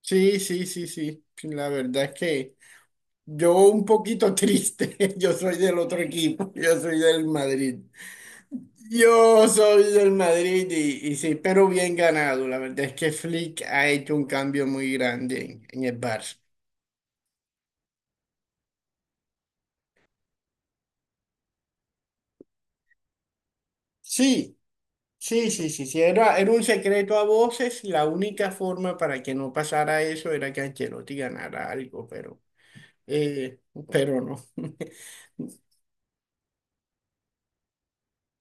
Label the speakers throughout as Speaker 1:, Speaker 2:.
Speaker 1: Sí, sí, sí, sí. La verdad es que yo un poquito triste. Yo soy del otro equipo. Yo soy del Madrid. Yo soy del Madrid y sí, pero bien ganado. La verdad es que Flick ha hecho un cambio muy grande en el Barça. Sí, sí, sí, sí, sí. Era un secreto a voces. La única forma para que no pasara eso era que Ancelotti ganara algo, eh, pero no.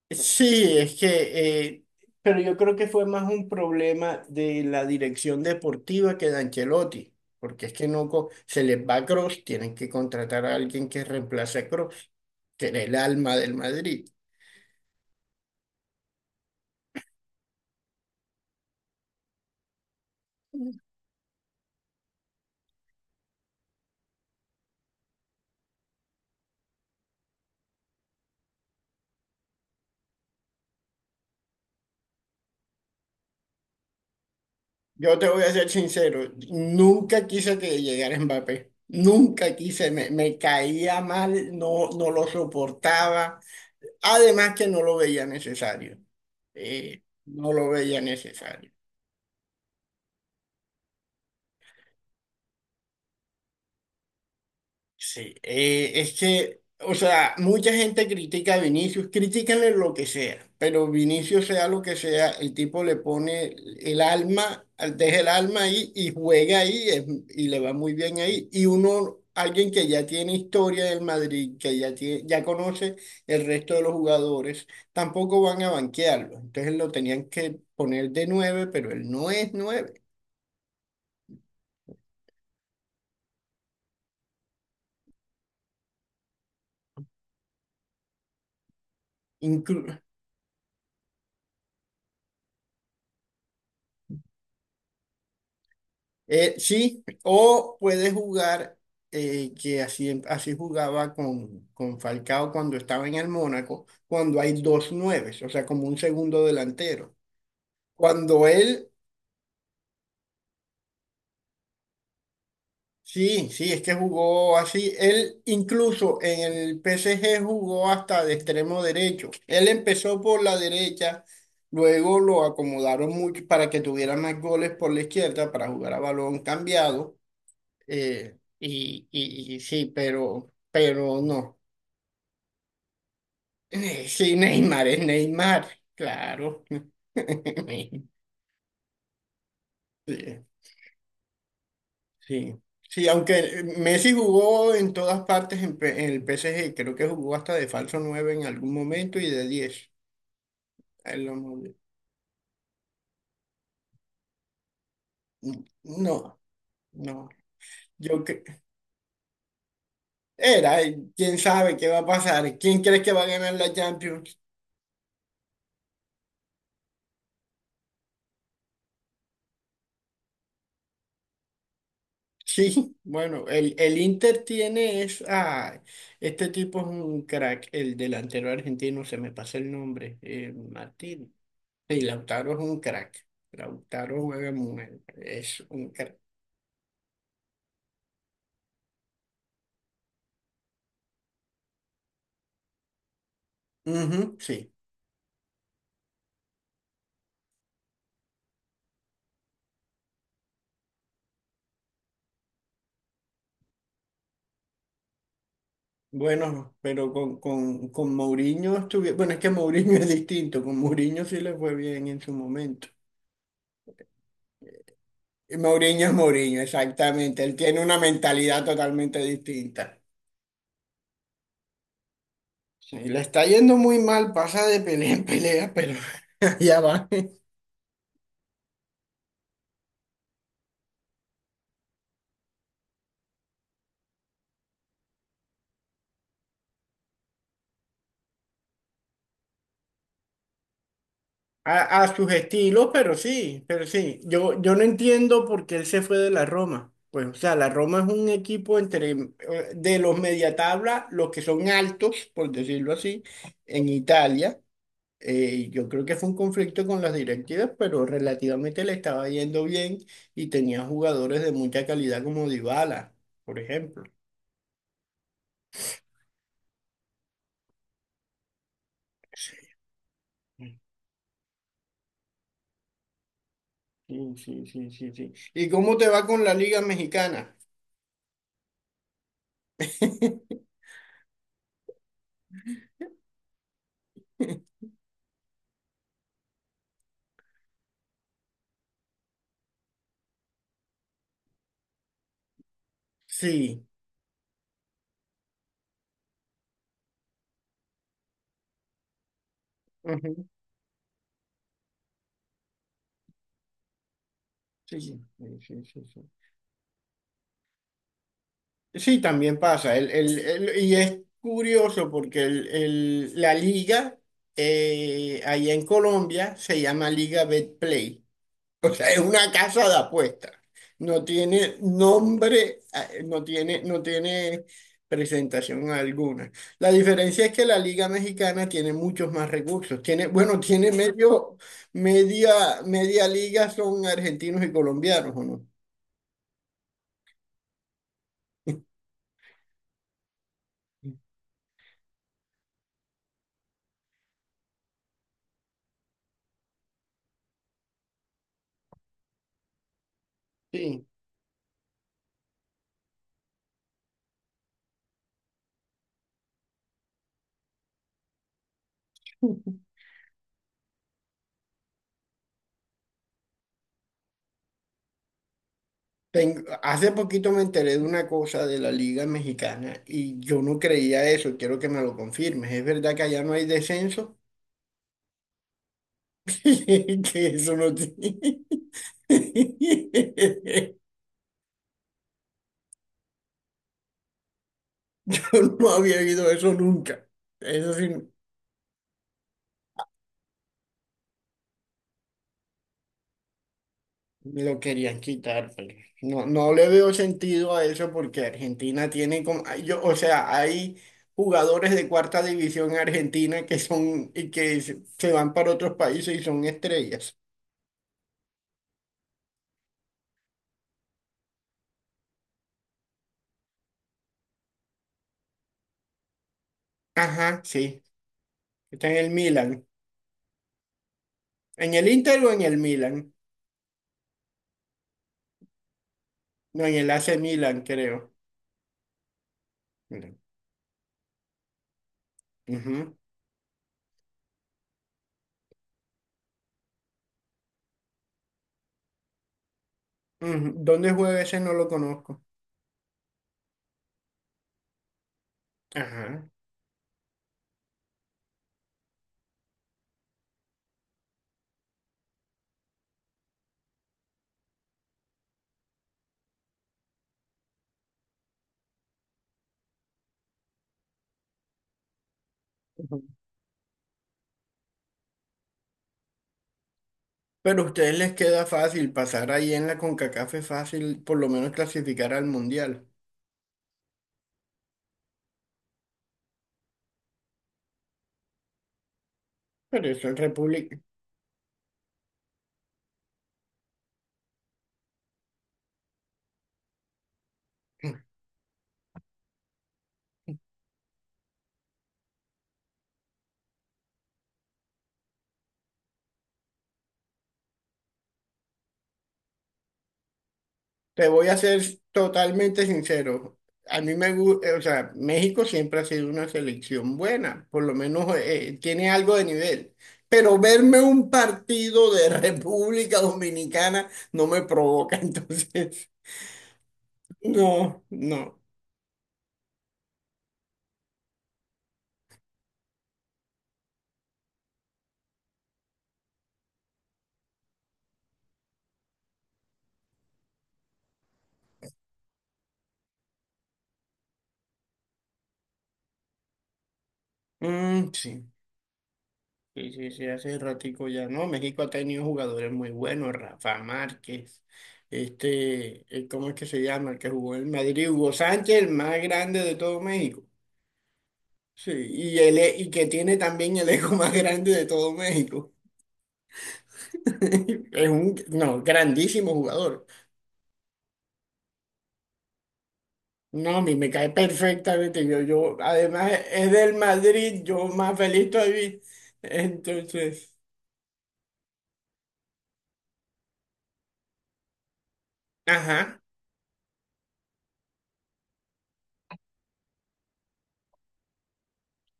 Speaker 1: Sí, es que, eh, pero yo creo que fue más un problema de la dirección deportiva que de Ancelotti, porque es que no co- se les va Kroos, tienen que contratar a alguien que reemplace a Kroos, que era el alma del Madrid. Yo te voy a ser sincero, nunca quise que llegara Mbappé, nunca quise, me caía mal, no lo soportaba, además que no lo veía necesario, no lo veía necesario. Sí, es que, o sea, mucha gente critica a Vinicius, critícanle lo que sea, pero Vinicius sea lo que sea, el tipo le pone el alma, deja el alma ahí y y le va muy bien ahí. Y uno, alguien que ya tiene historia del Madrid, que ya tiene, ya conoce el resto de los jugadores, tampoco van a banquearlo. Entonces lo tenían que poner de nueve, pero él no es nueve. Sí, o puede jugar, que así, así jugaba con Falcao cuando estaba en el Mónaco, cuando hay dos nueves, o sea, como un segundo delantero. Cuando él, sí, sí, es que jugó así, él incluso en el PSG jugó hasta de extremo derecho. Él empezó por la derecha, luego lo acomodaron mucho para que tuviera más goles por la izquierda para jugar a balón cambiado. Y sí, pero no. Sí, Neymar es Neymar, claro. Sí, sí. Sí, aunque Messi jugó en todas partes en el PSG, creo que jugó hasta de falso 9 en algún momento y de diez. Él lo movió. No, no. Yo que era, quién sabe qué va a pasar. ¿Quién crees que va a ganar la Champions? Sí, bueno, el Inter tiene es, ah, este tipo es un crack, el delantero argentino, se me pasa el nombre, Martín. Y Lautaro es un crack. Lautaro juega muy bien, es un crack. Ujú, sí. Bueno, pero con Mourinho estuve, bueno, es que Mourinho es distinto, con Mourinho sí le fue bien en su momento. Y Mourinho es Mourinho, exactamente, él tiene una mentalidad totalmente distinta. Sí, le está yendo muy mal, pasa de pelea en pelea, pero ya va. A sus estilos, pero sí, pero sí. Yo no entiendo por qué él se fue de la Roma. Pues, o sea, la Roma es un equipo entre de los media tabla, los que son altos, por decirlo así, en Italia. Yo creo que fue un conflicto con las directivas, pero relativamente le estaba yendo bien y tenía jugadores de mucha calidad como Dybala, por ejemplo. Sí, sí, sí, sí, sí. ¿Y cómo te va con la Liga Mexicana? Sí. Sí, sí, sí, sí, sí. Sí, también pasa. Y es curioso porque la liga allá en Colombia se llama Liga Betplay. O sea, es una casa de apuestas. No tiene nombre, no tiene presentación alguna. La diferencia es que la Liga Mexicana tiene muchos más recursos. Tiene, bueno, media liga son argentinos y colombianos, ¿o no? Sí. Hace poquito me enteré de una cosa de la Liga Mexicana y yo no creía eso, quiero que me lo confirmes. ¿Es verdad que allá no hay descenso? Que eso no tiene... Yo no había oído eso nunca. Eso sí, me lo querían quitar. Pero no, no le veo sentido a eso porque Argentina tiene como... ay, yo, o sea, hay jugadores de cuarta división en Argentina que son... y que se van para otros países y son estrellas. Ajá, sí. Está en el Milan. ¿En el Inter o en el Milan? No, en el AC Milan, creo. Milan. Ujú, ujú. ¿Dónde juega ese? No lo conozco. Ajá. Ujú. Pero a ustedes les queda fácil pasar ahí en la CONCACAF, es fácil, por lo menos clasificar al Mundial. Pero eso es República. Te voy a ser totalmente sincero. A mí me gusta, o sea, México siempre ha sido una selección buena, por lo menos tiene algo de nivel. Pero verme un partido de República Dominicana no me provoca, entonces, no, no. Mm, sí, sí, sí, sí, hace ratico ya, ¿no? México ha tenido jugadores muy buenos, Rafa Márquez, este, ¿cómo es que se llama? El que jugó en Madrid, Hugo Sánchez, el más grande de todo México. Sí, y que tiene también el ego más grande de todo México. Es un, no, Grandísimo jugador. No, a mí me cae perfectamente. Yo, además es del Madrid, yo más feliz todavía. Entonces, ajá.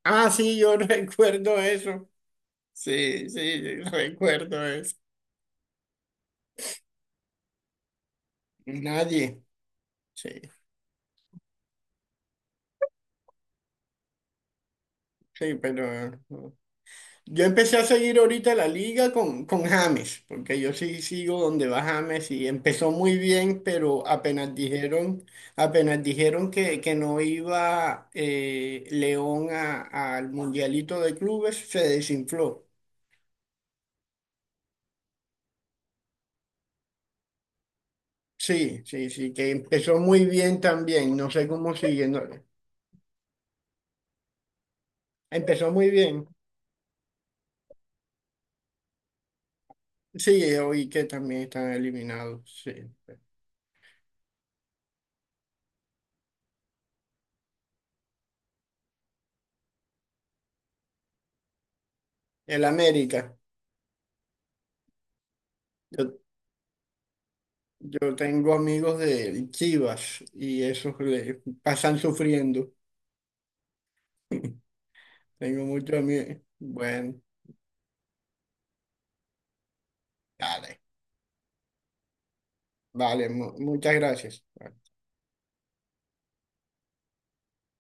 Speaker 1: Ah, sí, yo recuerdo eso. Sí, sí, recuerdo eso. Nadie. Sí, sí, pero yo empecé a seguir ahorita la liga con James, porque yo sí sigo donde va James y empezó muy bien, apenas dijeron que no iba León al Mundialito de Clubes, se desinfló. Sí, sí, sí, que empezó muy bien también, no sé cómo siguiendo. Empezó muy bien. Sí, oí que también están eliminados, sí. El América. Yo yo tengo amigos de Chivas y esos le pasan sufriendo. Tengo muchos amigos. Bueno, dale. Vale, muchas gracias.